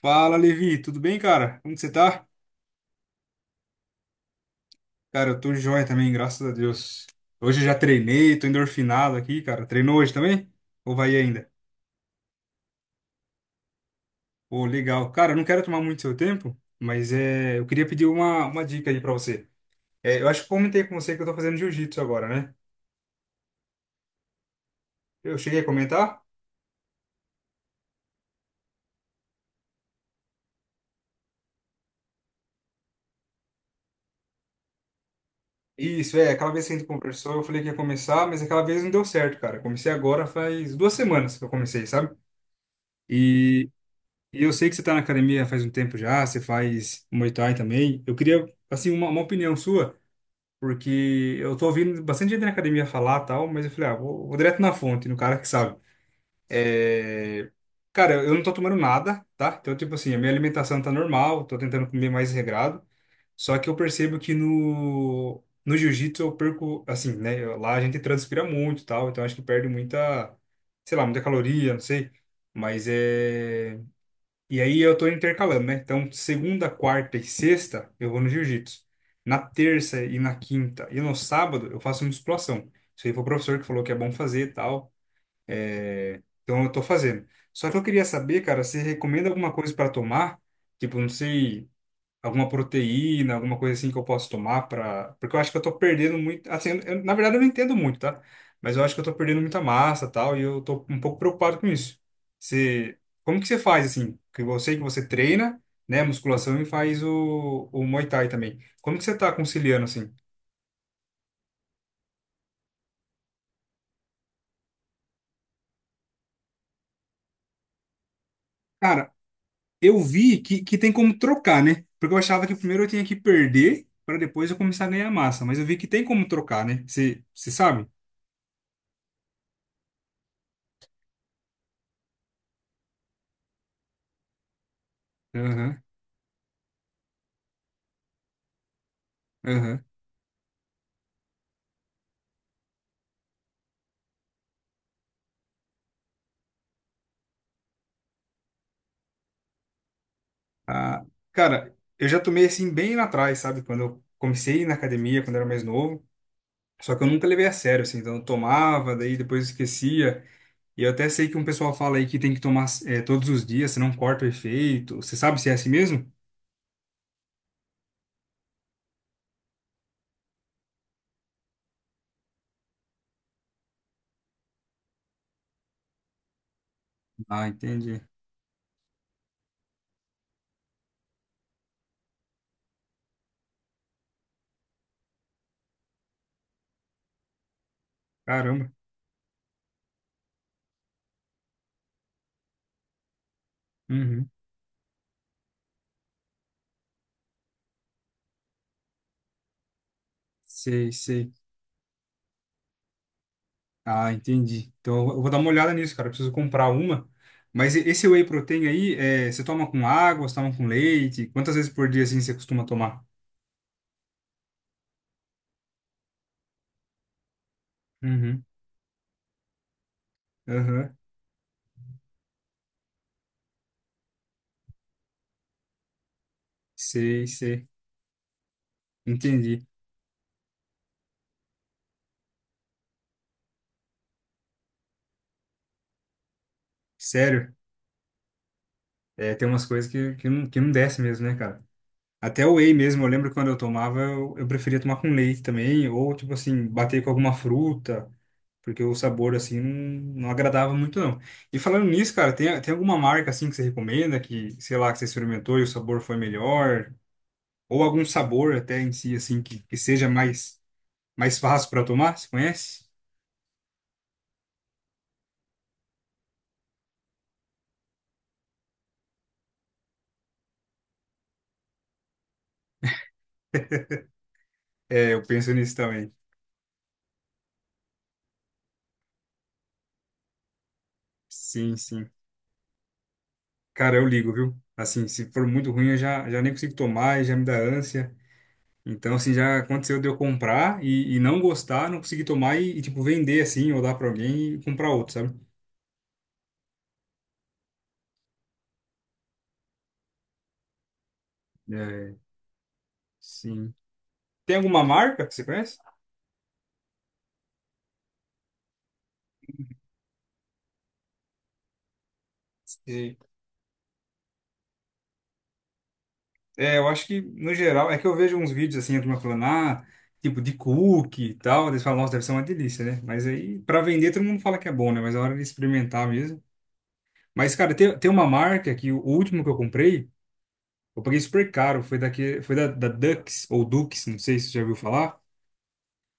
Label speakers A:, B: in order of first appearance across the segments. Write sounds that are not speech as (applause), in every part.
A: Fala, Levi, tudo bem, cara? Como que você tá? Cara, eu tô joia também, graças a Deus. Hoje eu já treinei, tô endorfinado aqui, cara. Treinou hoje também? Ou vai ainda? Pô, legal. Cara, eu não quero tomar muito seu tempo, mas é, eu queria pedir uma dica aí pra você. É, eu acho que comentei com você que eu tô fazendo jiu-jitsu agora, né? Eu cheguei a comentar? Isso, é, aquela vez que a gente conversou, eu falei que ia começar, mas aquela vez não deu certo, cara. Eu comecei agora faz 2 semanas que eu comecei, sabe? E E eu sei que você está na academia faz um tempo já, você faz Muay Thai também. Eu queria, assim, uma opinião sua, porque eu tô ouvindo bastante gente na academia falar tal, mas eu falei, ah, vou direto na fonte, no cara que sabe. É... Cara, eu não tô tomando nada, tá? Então, tipo assim, a minha alimentação tá normal, tô tentando comer mais regrado. Só que eu percebo que no jiu-jitsu eu perco, assim, né? Lá a gente transpira muito e tal, então acho que perde sei lá, muita caloria, não sei. Mas é. E aí eu tô intercalando, né? Então, segunda, quarta e sexta eu vou no jiu-jitsu. Na terça e na quinta e no sábado eu faço musculação. Isso aí foi o professor que falou que é bom fazer e tal. É, então eu tô fazendo. Só que eu queria saber, cara, se recomenda alguma coisa para tomar? Tipo, não sei, alguma proteína, alguma coisa assim que eu posso tomar para, porque eu acho que eu tô perdendo muito, assim, na verdade eu não entendo muito, tá? Mas eu acho que eu tô perdendo muita massa, e tal, e eu tô um pouco preocupado com isso. Você, como que você faz assim? Que eu sei que você treina, né, musculação e faz o Muay Thai também. Como que você tá conciliando assim? Cara, eu vi que tem como trocar, né? Porque eu achava que primeiro eu tinha que perder para depois eu começar a ganhar massa, mas eu vi que tem como trocar, né? Você sabe? Aham, aham. Ah, cara, eu já tomei assim bem lá atrás, sabe? Quando eu comecei na academia, quando eu era mais novo. Só que eu nunca levei a sério, assim. Então eu tomava, daí depois esquecia. E eu até sei que um pessoal fala aí que tem que tomar todos os dias, senão corta o efeito. Você sabe se é assim mesmo? Ah, entendi. Caramba. Uhum. Sei, sei. Ah, entendi. Então eu vou dar uma olhada nisso, cara. Eu preciso comprar uma. Mas esse whey protein aí, você toma com água, você toma com leite? Quantas vezes por dia assim você costuma tomar? Uhum. Aham. Sei, sei. Entendi. Sério, é, tem umas coisas não, que não desce mesmo, né, cara? Até o whey mesmo, eu lembro que quando eu tomava, eu preferia tomar com leite também, ou tipo assim, bater com alguma fruta, porque o sabor assim não agradava muito não. E falando nisso, cara, tem alguma marca assim que você recomenda, que, sei lá, que você experimentou e o sabor foi melhor, ou algum sabor até em si, assim, que seja mais, mais fácil para tomar, você conhece? É, eu penso nisso também. Sim, sim. Cara, eu ligo, viu? Assim, se for muito ruim, eu já nem consigo tomar e já me dá ânsia. Então, assim, já aconteceu de eu comprar e não gostar, não conseguir tomar tipo, vender assim, ou dar pra alguém e comprar outro, sabe? É, sim. Tem alguma marca que você conhece? Sim. É, eu acho que, no geral, é que eu vejo uns vídeos assim, a turma falando, ah, tipo, de cookie e tal. Eles falam, nossa, deve ser uma delícia, né? Mas aí, pra vender, todo mundo fala que é bom, né? Mas é hora de experimentar mesmo. Mas, cara, tem uma marca que o último que eu comprei. Eu paguei super caro, foi daqui, foi da Dux, ou Dux, não sei se você já ouviu falar.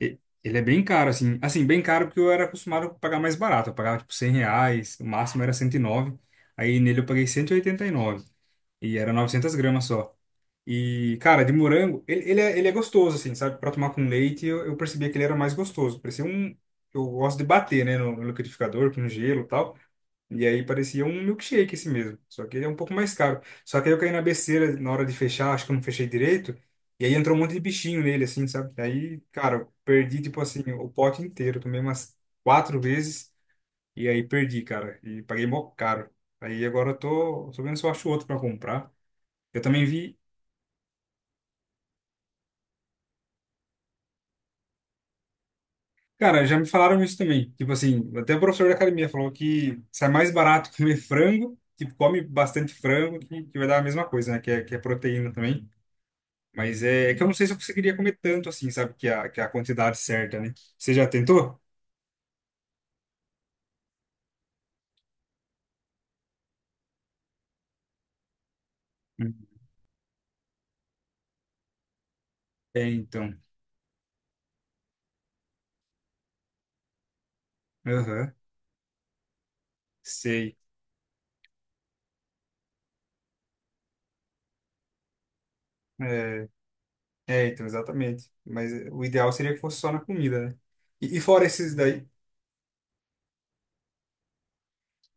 A: Ele é bem caro, assim. Assim, bem caro porque eu era acostumado a pagar mais barato. Eu pagava, tipo, 100 reais, o máximo era 109. Aí nele eu paguei cento e oitenta e nove. E era 900 gramas só. E, cara, de morango, ele é gostoso, assim, sabe? Pra tomar com leite, eu percebia que ele era mais gostoso. Parecia um... Eu gosto de bater, né, no liquidificador, com gelo e tal. E aí parecia um milkshake esse mesmo, só que ele é um pouco mais caro. Só que aí eu caí na besteira na hora de fechar, acho que eu não fechei direito, e aí entrou um monte de bichinho nele, assim, sabe? Aí, cara, eu perdi, tipo assim, o pote inteiro, tomei umas 4 vezes, e aí perdi, cara, e paguei mó caro. Aí agora eu tô vendo se eu acho outro pra comprar. Eu também vi, cara, já me falaram isso também, tipo assim, até o professor da academia falou que sai mais barato (laughs) comer frango, tipo, come bastante frango, que vai dar a mesma coisa, né, que é proteína também. Mas é, é que eu não sei se eu conseguiria comer tanto assim, sabe? Que a quantidade certa, né? Você já tentou? Hum. É, então. Aham, sei. É, é, então, exatamente. Mas é, o ideal seria que fosse só na comida, né? E fora esses daí.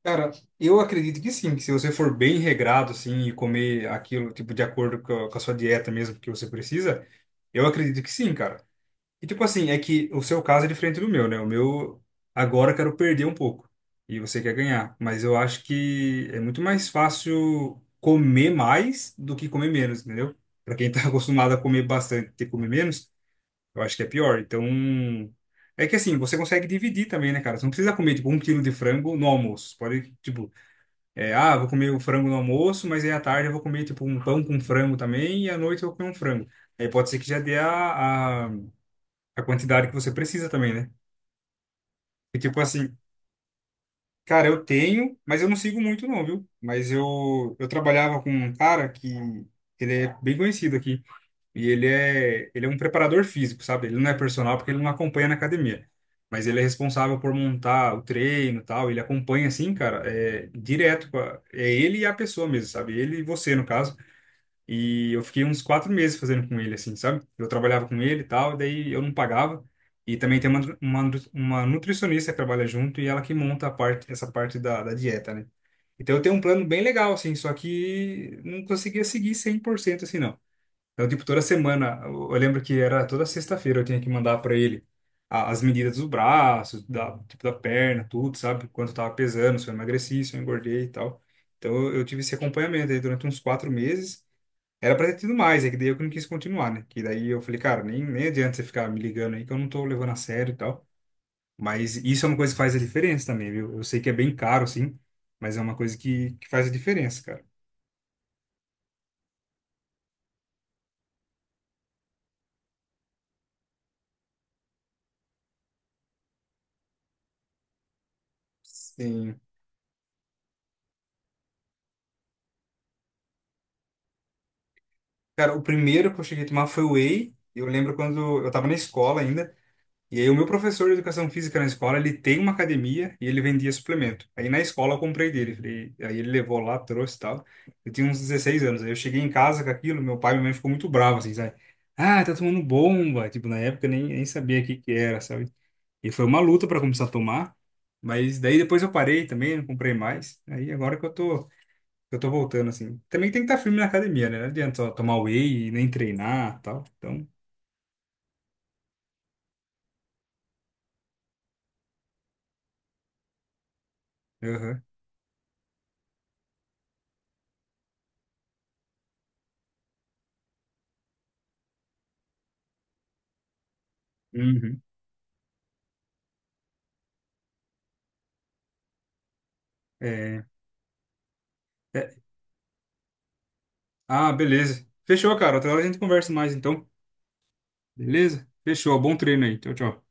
A: Cara, eu acredito que sim, que se você for bem regrado, assim, e comer aquilo, tipo, de acordo com a sua dieta mesmo que você precisa, eu acredito que sim, cara. E tipo assim, é que o seu caso é diferente do meu, né? O meu agora eu quero perder um pouco e você quer ganhar, mas eu acho que é muito mais fácil comer mais do que comer menos, entendeu? Pra quem tá (laughs) acostumado a comer bastante e ter que comer menos, eu acho que é pior. Então, é que assim, você consegue dividir também, né, cara? Você não precisa comer tipo um quilo de frango no almoço. Você pode, tipo, é, ah, vou comer o frango no almoço, mas aí à tarde eu vou comer tipo um pão com frango também e à noite eu vou comer um frango. Aí pode ser que já dê a quantidade que você precisa também, né? E tipo assim, cara, eu tenho, mas eu não sigo muito não, viu? Mas eu trabalhava com um cara que ele é bem conhecido aqui e ele é um preparador físico, sabe? Ele não é personal porque ele não acompanha na academia, mas ele é responsável por montar o treino, e tal, ele acompanha assim, cara, é direto com é ele e a pessoa mesmo, sabe? Ele e você no caso. E eu fiquei uns 4 meses fazendo com ele, assim, sabe? Eu trabalhava com ele e tal, e daí eu não pagava. E também tem uma, uma nutricionista que trabalha junto e ela que monta a parte, essa parte da dieta, né? Então eu tenho um plano bem legal, assim, só que não conseguia seguir 100% assim, não. Então, tipo, toda semana, eu lembro que era toda sexta-feira eu tinha que mandar para ele as medidas dos braços, da, tipo, da perna, tudo, sabe? Quanto eu tava pesando, se eu emagreci, se eu engordei e tal. Então eu tive esse acompanhamento aí durante uns 4 meses. Era pra ter tido mais, é que daí eu que não quis continuar, né? Que daí eu falei, cara, nem adianta você ficar me ligando aí que eu não tô levando a sério e tal. Mas isso é uma coisa que faz a diferença também, viu? Eu sei que é bem caro, sim, mas é uma coisa que faz a diferença, cara. Sim. Cara, o primeiro que eu cheguei a tomar foi o whey. Eu lembro quando eu tava na escola ainda. E aí o meu professor de educação física na escola, ele tem uma academia e ele vendia suplemento. Aí na escola eu comprei dele, aí ele levou lá, trouxe e tal. Eu tinha uns 16 anos, aí eu cheguei em casa com aquilo, meu pai e minha mãe ficou muito bravo, assim, sabe? Ah, tá tomando bomba! Tipo, na época eu nem sabia o que que era, sabe? E foi uma luta para começar a tomar, mas daí depois eu parei também, não comprei mais. Aí agora que eu tô voltando, assim. Também tem que estar firme na academia, né? Não adianta só tomar whey e nem treinar e tal. Então, aham. Uhum. É. Ah, beleza. Fechou, cara. Outra hora a gente conversa mais, então. Beleza? Fechou. Bom treino aí. Tchau, tchau.